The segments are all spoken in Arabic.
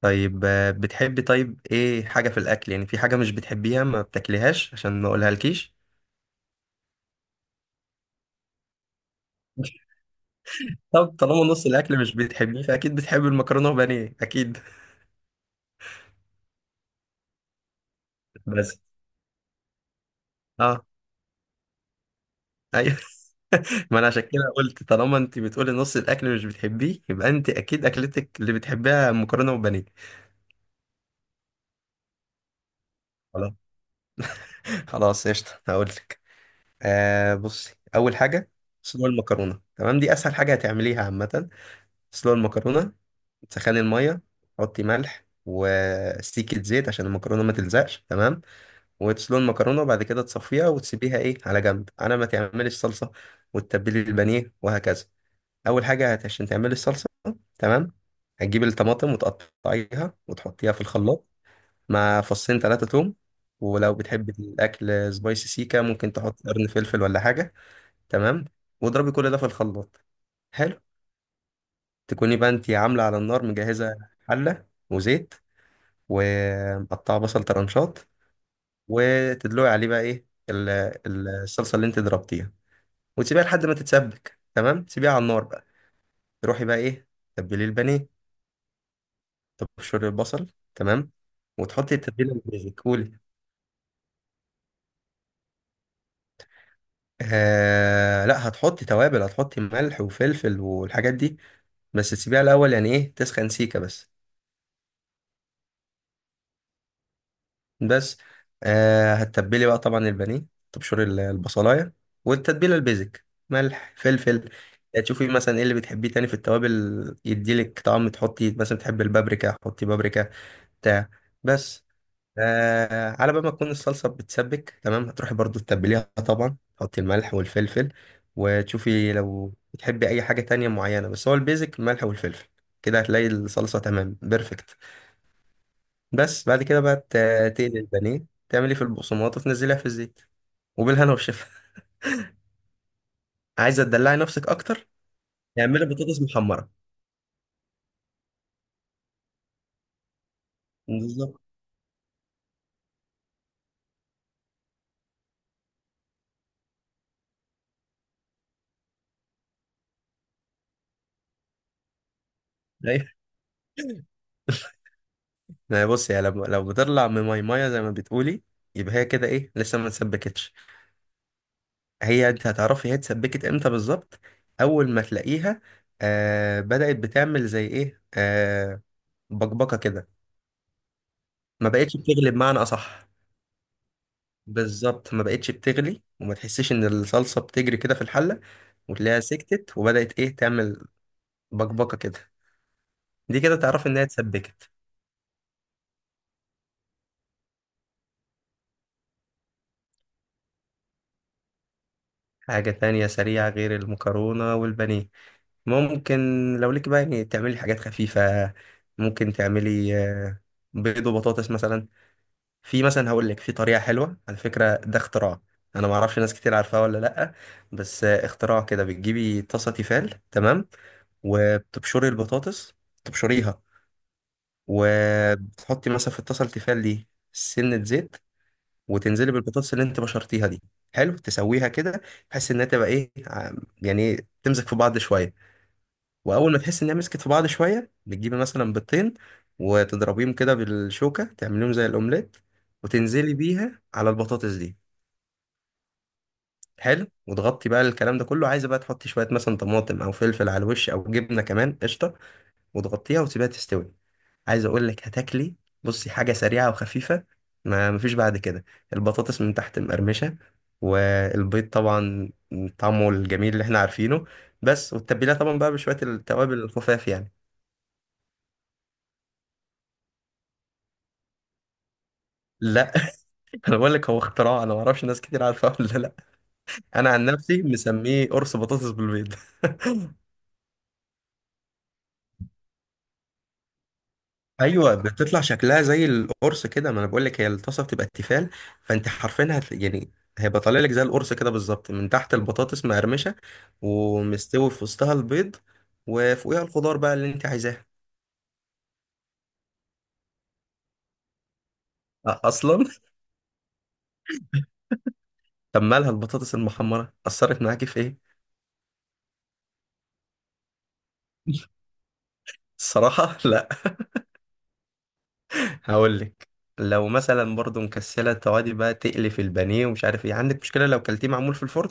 طيب بتحبي طيب ايه حاجة في الأكل يعني في حاجة مش بتحبيها ما بتاكليهاش عشان ما أقولها لكيش. طب طالما نص الأكل مش بتحبيه فأكيد بتحبي المكرونة وبانيه أكيد. بس اه. أيوه. ما أنا عشان كده قلت طالما أنت بتقولي نص الأكل مش بتحبيه يبقى أنت أكيد أكلتك اللي بتحبيها مكرونة وبانيه. خلاص. خلاص قشطة هقولك. آه بصي أول حاجة. سلو المكرونة تمام، دي أسهل حاجة هتعمليها عامة. سلو المكرونة، تسخني الميه، حطي ملح وسيكة زيت عشان المكرونة ما تلزقش تمام، وتسلقي المكرونة، وبعد كده تصفيها وتسيبيها ايه على جنب على ما تعملي الصلصة، وتتبلي البانيه وهكذا. عشان تعملي الصلصة تمام، هتجيبي الطماطم وتقطعيها وتحطيها في الخلاط مع فصين ثلاثة توم، ولو بتحبي الأكل سبايسي سيكا ممكن تحطي قرن فلفل ولا حاجة تمام، واضربي كل ده في الخلاط. حلو. تكوني بقى انتي عاملة على النار مجهزة حلة وزيت ومقطعه بصل طرنشات، وتدلقي عليه بقى ايه الصلصه اللي انت ضربتيها، وتسيبيها لحد ما تتسبك تمام، تسيبيها على النار بقى. تروحي بقى ايه تبلي البانيه، تبشري البصل تمام، وتحطي التتبيله اللي بيعجبك. قولي. آه لا، هتحطي توابل، هتحطي ملح وفلفل والحاجات دي، بس تسيبيها الاول يعني ايه تسخن سيكه بس. بس آه هتتبلي بقى طبعا البانيه، تبشري البصلايه، والتتبيله البيزك ملح فلفل، تشوفي مثلا ايه اللي بتحبيه تاني في التوابل يديلك طعم، تحطي مثلا بتحبي البابريكا حطي بابريكا بتاع. بس آه على بال ما تكون الصلصه بتسبك تمام، هتروحي برضو تتبليها، طبعا تحطي الملح والفلفل، وتشوفي لو بتحبي اي حاجه تانية معينه، بس هو البيزك الملح والفلفل، كده هتلاقي الصلصه تمام بيرفكت. بس بعد كده بقى تقلي البانيه، تعملي في البقسماط وتنزليها في الزيت، وبالهنا والشفا. عايزه تدلعي نفسك اكتر، اعملي بطاطس محمره. بالظبط. ايوه، ما هي بصي يعني لو بتطلع من ماي مايه زي ما بتقولي، يبقى هي كده ايه لسه ما اتسبكتش. هي انت هتعرفي هي اتسبكت امتى بالظبط. اول ما تلاقيها آه بدأت بتعمل زي ايه، آه بقبقه كده، ما بقتش بتغلب معنى اصح. بالظبط، ما بقتش بتغلي وما تحسش ان الصلصه بتجري كده في الحله، وتلاقيها سكتت وبدات ايه تعمل بقبقه كده، دي كده تعرف انها اتسبكت. حاجه تانية سريعه غير المكرونه والبانيه، ممكن. لو ليك بقى يعني تعملي حاجات خفيفه، ممكن تعملي بيض وبطاطس مثلا. في مثلا هقول لك في طريقه حلوه على فكره، ده اختراع. انا ما اعرفش ناس كتير عارفاه ولا لا، بس اختراع كده. بتجيبي طاسه تيفال تمام، وبتبشري البطاطس، تبشريها، وتحطي مثلا في الطاسه التيفال دي سنه زيت، وتنزلي بالبطاطس اللي انت بشرتيها دي، حلو، تسويها كده بحيث انها تبقى ايه يعني تمسك في بعض شويه. واول ما تحس انها مسكت في بعض شويه، بتجيبي مثلا بيضتين وتضربيهم كده بالشوكه تعمليهم زي الاومليت، وتنزلي بيها على البطاطس دي. حلو، وتغطي بقى الكلام ده كله، عايزه بقى تحطي شويه مثلا طماطم او فلفل على الوش او جبنه كمان قشطه، وتغطيها وتسيبها تستوي. عايز اقول لك هتاكلي، بصي حاجه سريعه وخفيفه، ما مفيش بعد كده. البطاطس من تحت مقرمشه، والبيض طبعا طعمه الجميل اللي احنا عارفينه، بس. والتتبيله طبعا بقى بشويه التوابل الخفاف يعني. لا. انا بقول لك هو اختراع، انا ما اعرفش ناس كتير عارفاه ولا لا. انا عن نفسي مسميه قرص بطاطس بالبيض. ايوه بتطلع شكلها زي القرص كده، ما انا بقول لك هي الطاسه بتبقى التيفال، فانت حرفيا يعني هيبقى طالع لك زي القرص كده بالظبط، من تحت البطاطس مقرمشه، ومستوي في وسطها البيض، وفوقيها الخضار بقى اللي انت عايزاه. اصلا. طب مالها البطاطس المحمره اثرت معاكي في ايه؟ الصراحه لا. هقول لك، لو مثلا برضو مكسله التوابل بقى تقلي في البانيه ومش عارف ايه، عندك مشكله لو كلتيه معمول في الفرن؟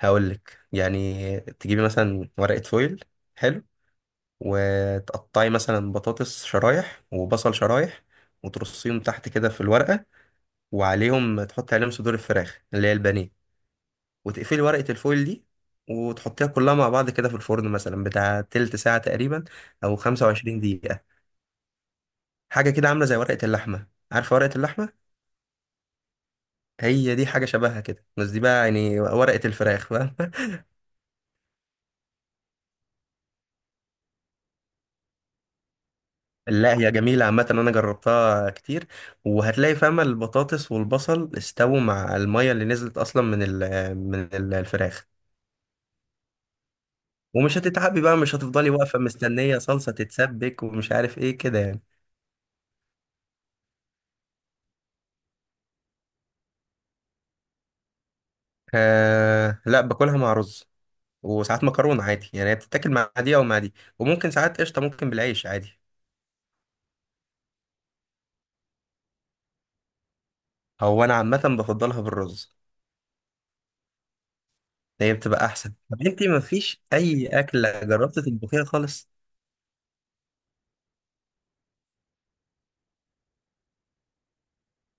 هقول لك يعني تجيبي مثلا ورقه فويل، حلو، وتقطعي مثلا بطاطس شرايح وبصل شرايح، وترصيهم تحت كده في الورقة، وعليهم تحطي عليهم صدور الفراخ اللي هي البانيه، وتقفلي ورقة الفويل دي، وتحطيها كلها مع بعض كده في الفرن مثلا بتاع تلت ساعة تقريبا، أو 25 دقيقة، حاجة كده عاملة زي ورقة اللحمة. عارفة ورقة اللحمة؟ هي دي حاجة شبهها كده، بس دي بقى يعني ورقة الفراخ بقى. لا هي جميلة، عامة أنا جربتها كتير، وهتلاقي فاهمة البطاطس والبصل استووا مع المية اللي نزلت أصلا من ال الفراخ، ومش هتتعبي بقى، مش هتفضلي واقفة مستنية صلصة تتسبك ومش عارف إيه كده يعني. آه لا باكلها مع رز، وساعات مكرونة عادي يعني، هي بتتاكل مع دي أو مع دي، وممكن ساعات قشطة ممكن بالعيش عادي. هو أنا عامة بفضلها بالرز. هي بتبقى أحسن. طب أنتي مفيش أي أكلة جربت تطبخيها خالص؟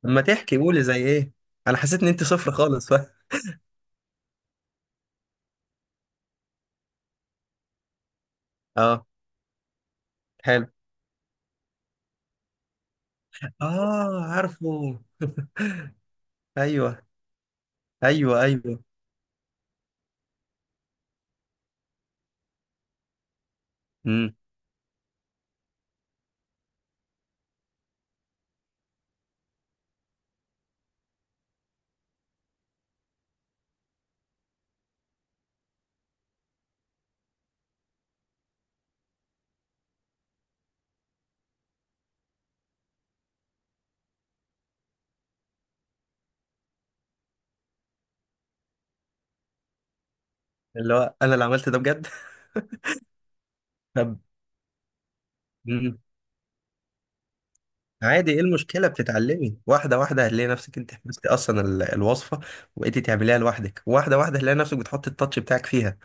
لما تحكي قولي زي إيه؟ انا حسيت ان انت صفر خالص. اه. حلو. اه عارفه. ايوه. ايوه ايوه. امم. اللي هو انا اللي عملت ده بجد. طب. امم. عادي، ايه المشكله؟ بتتعلمي واحده واحده هتلاقي نفسك انت حفظتي اصلا الوصفه، وبقيتي تعمليها لوحدك، واحده واحده هتلاقي نفسك بتحطي التاتش بتاعك فيها.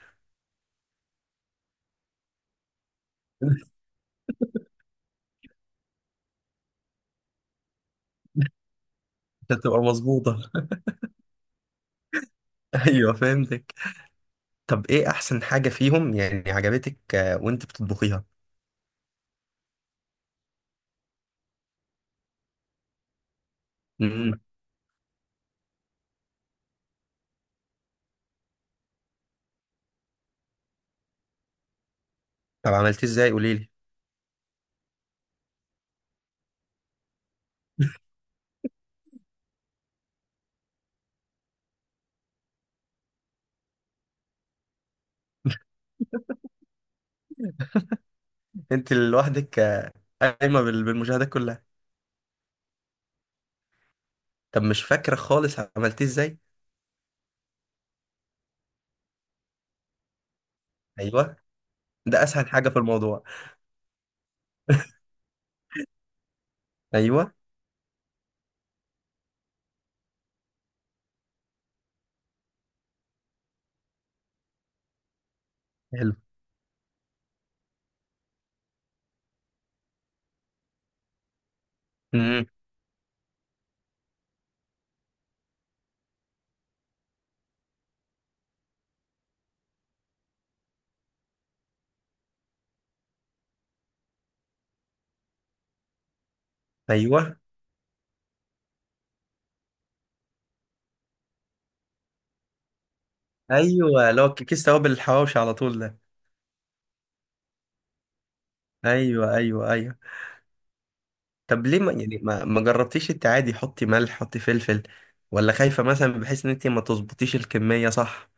عشان تبقى مظبوطه. ايوه فهمتك. طب ايه احسن حاجه فيهم يعني عجبتك وانت بتطبخيها؟ امم. طب عملتيه ازاي؟ قولي لي. انت لوحدك قايمه بالمشاهدات كلها. طب مش فاكره خالص عملتيه ازاي؟ ايوه ده اسهل حاجه في الموضوع. ايوه. حلو. امم. ايوه. ايوه لو كيس توابل الحواوشي على طول ده. ايوه ايوه ايوه. طب ليه ما يعني ما جربتيش انت عادي حطي ملح حطي فلفل، ولا خايفه مثلا بحيث ان انت ما تظبطيش الكميه صح؟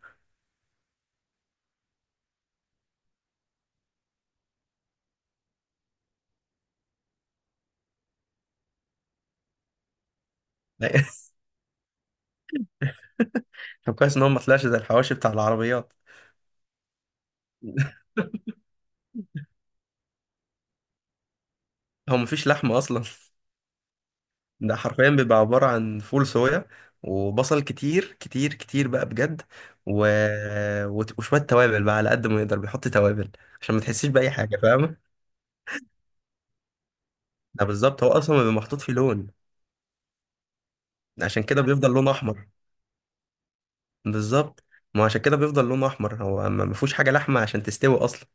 طب كويس ان هو ما طلعش زي الحواوشي بتاع العربيات. هو مفيش لحمه اصلا. ده حرفيا بيبقى عبارة عن فول صويا، وبصل كتير كتير كتير بقى بجد، و... وشوية توابل بقى على قد ما يقدر بيحط توابل، عشان ما تحسيش بأي حاجة فاهمة؟ ده بالظبط، هو أصلا بيبقى محطوط فيه لون، عشان كده بيفضل لونه أحمر. بالظبط. ما هو عشان كده بيفضل لونه أحمر، هو ما فيهوش حاجة لحمة عشان تستوي أصلا.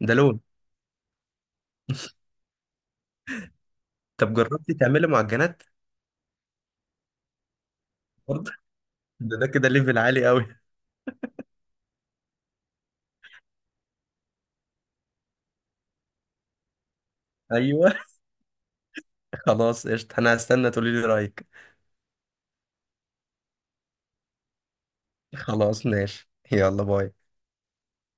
ده لون. طب جربتي تعملي معجنات؟ برضه. ده كده ليفل عالي قوي. أيوه. خلاص قشطة، أنا هستنى تقولي لي رأيك. خلاص ماشي، يلا باي.